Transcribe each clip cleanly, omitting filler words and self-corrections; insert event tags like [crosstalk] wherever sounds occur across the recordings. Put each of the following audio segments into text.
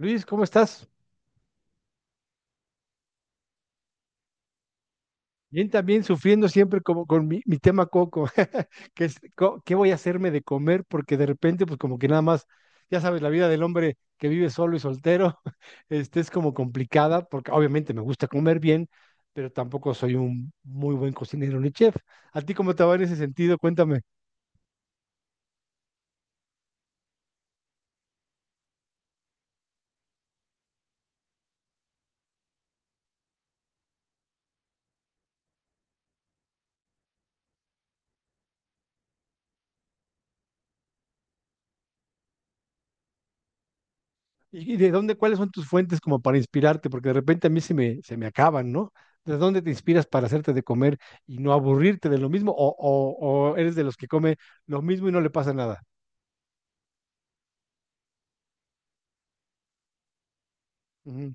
Luis, ¿cómo estás? Bien, también sufriendo siempre como con mi tema coco, [laughs] que es qué voy a hacerme de comer, porque de repente, pues como que nada más, ya sabes, la vida del hombre que vive solo y soltero, [laughs] este es como complicada, porque obviamente me gusta comer bien, pero tampoco soy un muy buen cocinero ni chef. ¿A ti cómo te va en ese sentido? Cuéntame. ¿Y de dónde, cuáles son tus fuentes como para inspirarte? Porque de repente a mí se me acaban, ¿no? ¿De dónde te inspiras para hacerte de comer y no aburrirte de lo mismo? O eres de los que come lo mismo y no le pasa nada? Ujú.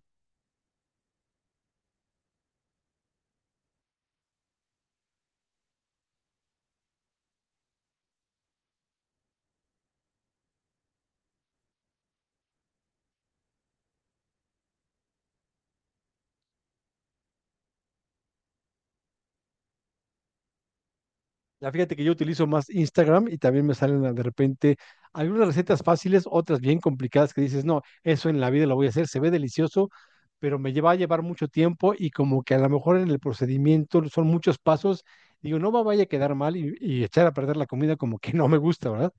Ya fíjate que yo utilizo más Instagram y también me salen de repente algunas recetas fáciles, otras bien complicadas que dices, no, eso en la vida lo voy a hacer, se ve delicioso, pero me lleva a llevar mucho tiempo y como que a lo mejor en el procedimiento son muchos pasos, digo, no me vaya a quedar mal y echar a perder la comida como que no me gusta, ¿verdad?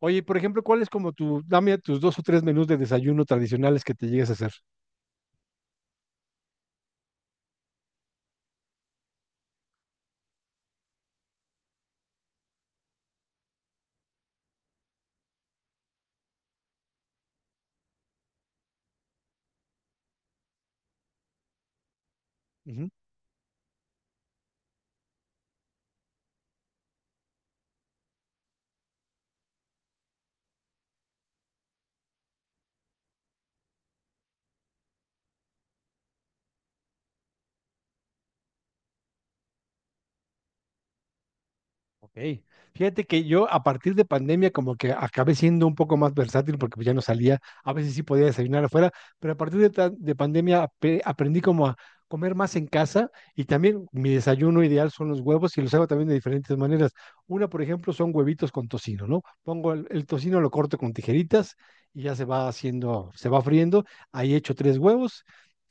Oye, por ejemplo, ¿cuál es como dame tus dos o tres menús de desayuno tradicionales que te llegues a hacer? Ujú. Ok. Fíjate que yo a partir de pandemia como que acabé siendo un poco más versátil porque pues ya no salía, a veces sí podía desayunar afuera, pero a partir de, de pandemia aprendí como a comer más en casa y también mi desayuno ideal son los huevos y los hago también de diferentes maneras. Una, por ejemplo, son huevitos con tocino, ¿no? Pongo el tocino, lo corto con tijeritas y ya se va haciendo, se va friendo. Ahí echo tres huevos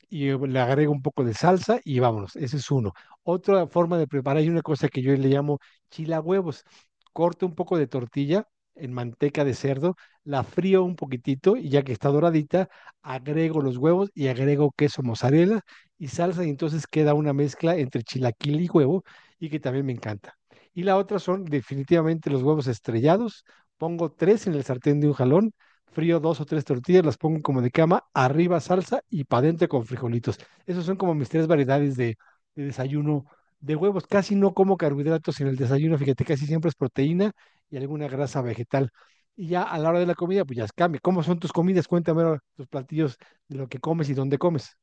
y le agrego un poco de salsa y vámonos. Ese es uno. Otra forma de preparar, hay una cosa que yo le llamo chila huevos. Corto un poco de tortilla en manteca de cerdo, la frío un poquitito y ya que está doradita, agrego los huevos y agrego queso mozzarella y salsa y entonces queda una mezcla entre chilaquil y huevo y que también me encanta. Y la otra son definitivamente los huevos estrellados. Pongo tres en el sartén de un jalón, frío dos o tres tortillas, las pongo como de cama, arriba salsa y para adentro con frijolitos. Esos son como mis tres variedades de desayuno de huevos. Casi no como carbohidratos en el desayuno, fíjate, casi siempre es proteína y alguna grasa vegetal. Y ya a la hora de la comida, pues ya cambia. ¿Cómo son tus comidas? Cuéntame ahora tus platillos de lo que comes y dónde comes.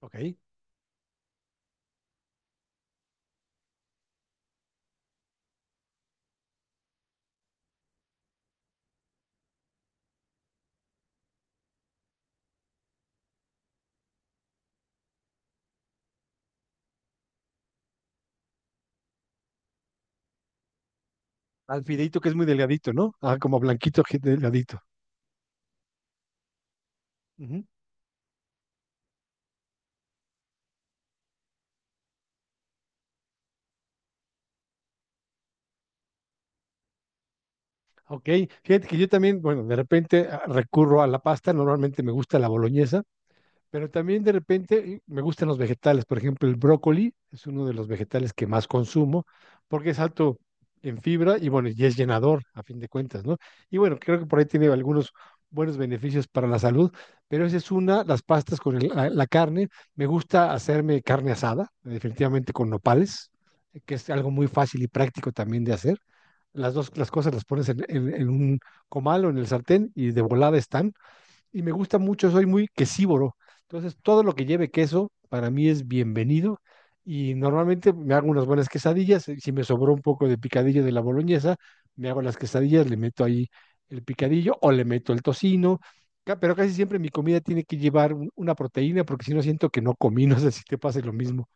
Ok. Al fideito que es muy delgadito, ¿no? Ah, como blanquito, que delgadito. Ujú. Ok. Fíjate que yo también, bueno, de repente ah, recurro a la pasta. Normalmente me gusta la boloñesa. Pero también de repente me gustan los vegetales. Por ejemplo, el brócoli es uno de los vegetales que más consumo porque es alto en fibra y bueno, y es llenador a fin de cuentas, ¿no? Y bueno, creo que por ahí tiene algunos buenos beneficios para la salud, pero esa es una, las pastas con la carne. Me gusta hacerme carne asada, definitivamente con nopales, que es algo muy fácil y práctico también de hacer. Las dos, las cosas las pones en un comal o en el sartén y de volada están y me gusta mucho, soy muy quesívoro. Entonces, todo lo que lleve queso para mí es bienvenido y normalmente me hago unas buenas quesadillas. Y si me sobró un poco de picadillo de la boloñesa, me hago las quesadillas, le meto ahí el picadillo o le meto el tocino. Pero casi siempre mi comida tiene que llevar una proteína porque si no siento que no comí, [laughs] no sé si te pase lo mismo.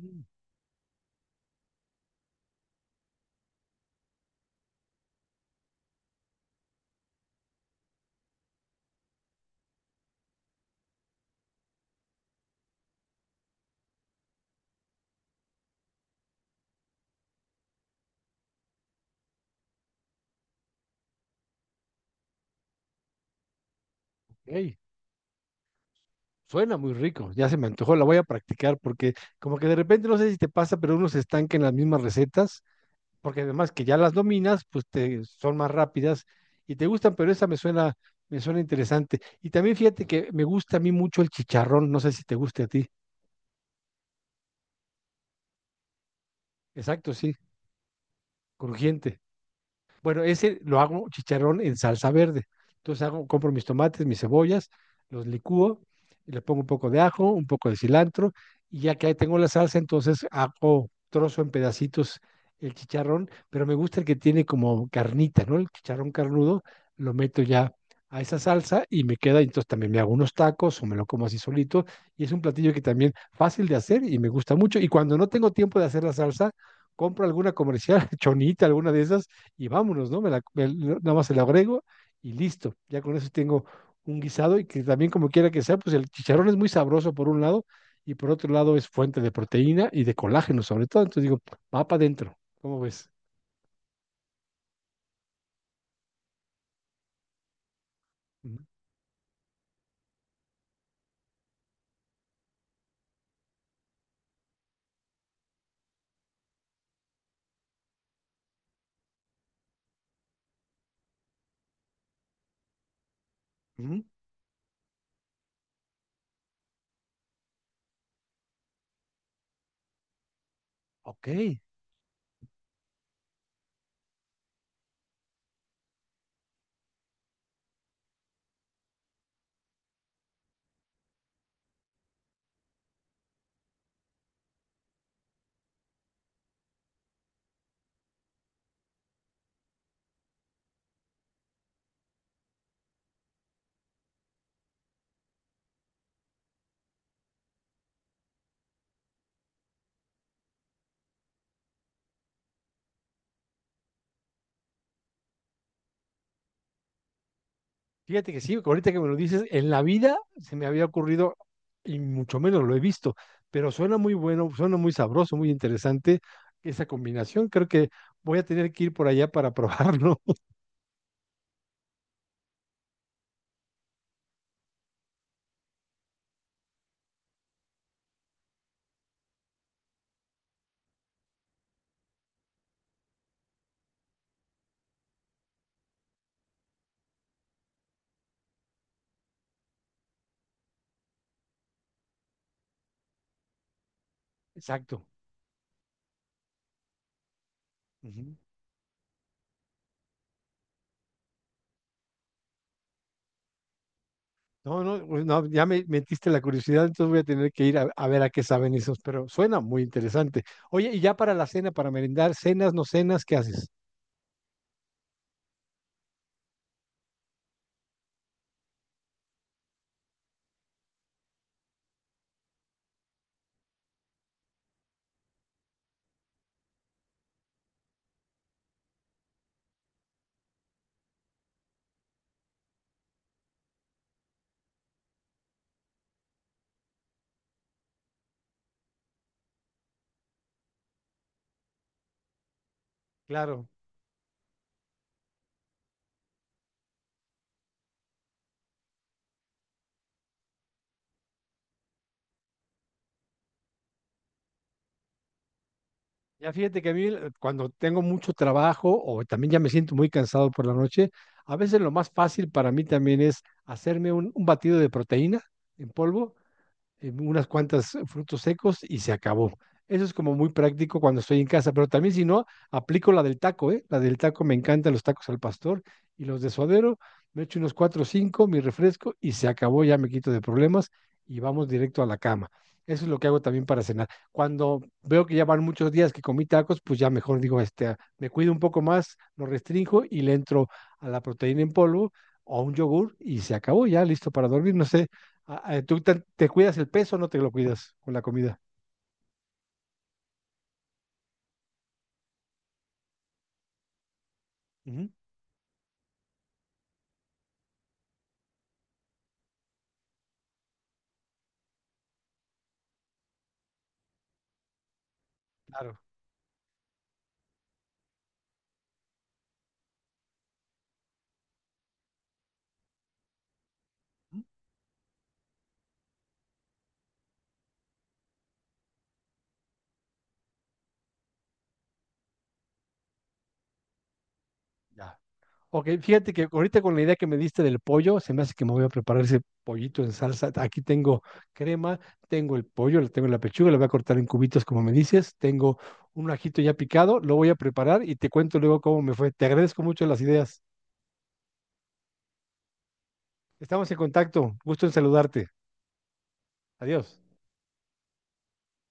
Mm, ok. Suena muy rico, ya se me antojó, la voy a practicar porque como que de repente no sé si te pasa, pero uno se estanca en las mismas recetas porque además que ya las dominas, pues te, son más rápidas y te gustan, pero esa me suena interesante. Y también fíjate que me gusta a mí mucho el chicharrón, no sé si te guste a ti. Exacto, sí, crujiente. Bueno, ese lo hago chicharrón en salsa verde. Entonces hago, compro mis tomates, mis cebollas, los licúo, y le pongo un poco de ajo, un poco de cilantro, y ya que ahí tengo la salsa, entonces hago trozo en pedacitos el chicharrón, pero me gusta el que tiene como carnita, ¿no? El chicharrón carnudo, lo meto ya a esa salsa y me queda, entonces también me hago unos tacos o me lo como así solito, y es un platillo que también fácil de hacer y me gusta mucho, y cuando no tengo tiempo de hacer la salsa, compro alguna comercial, [laughs] chonita, alguna de esas, y vámonos, ¿no? No, nada más se la agrego y listo. Ya con eso tengo un guisado y que también como quiera que sea, pues el chicharrón es muy sabroso por un lado y por otro lado es fuente de proteína y de colágeno sobre todo. Entonces digo, va para adentro. ¿Cómo ves? Ujú. Ujú. Ok. Fíjate que sí, ahorita que me lo dices, en la vida se me había ocurrido y mucho menos lo he visto, pero suena muy bueno, suena muy sabroso, muy interesante esa combinación. Creo que voy a tener que ir por allá para probarlo. [laughs] Exacto. Ujú. No, no, pues no, ya me metiste la curiosidad, entonces voy a tener que ir a ver a qué saben esos, pero suena muy interesante. Oye, y ya para la cena, para merendar, cenas, no cenas, ¿qué haces? Claro. Ya fíjate que a mí cuando tengo mucho trabajo o también ya me siento muy cansado por la noche, a veces lo más fácil para mí también es hacerme un batido de proteína en polvo, unas cuantas frutos secos y se acabó. Eso es como muy práctico cuando estoy en casa, pero también si no, aplico la del taco, ¿eh? La del taco me encantan los tacos al pastor y los de suadero, me echo unos cuatro o cinco, mi refresco y se acabó, ya me quito de problemas y vamos directo a la cama. Eso es lo que hago también para cenar. Cuando veo que ya van muchos días que comí tacos, pues ya mejor digo, este, ah, me cuido un poco más, lo restringo y le entro a la proteína en polvo o a un yogur y se acabó ya, listo para dormir. No sé. Ah, ah, ¿tú te cuidas el peso o no te lo cuidas con la comida? Ujú. Claro. Ujú. Ya. Ok, fíjate que ahorita con la idea que me diste del pollo, se me hace que me voy a preparar ese pollito en salsa. Aquí tengo crema, tengo el pollo, le tengo la pechuga, la voy a cortar en cubitos como me dices, tengo un ajito ya picado, lo voy a preparar y te cuento luego cómo me fue. Te agradezco mucho las ideas. Estamos en contacto, gusto en saludarte. Adiós.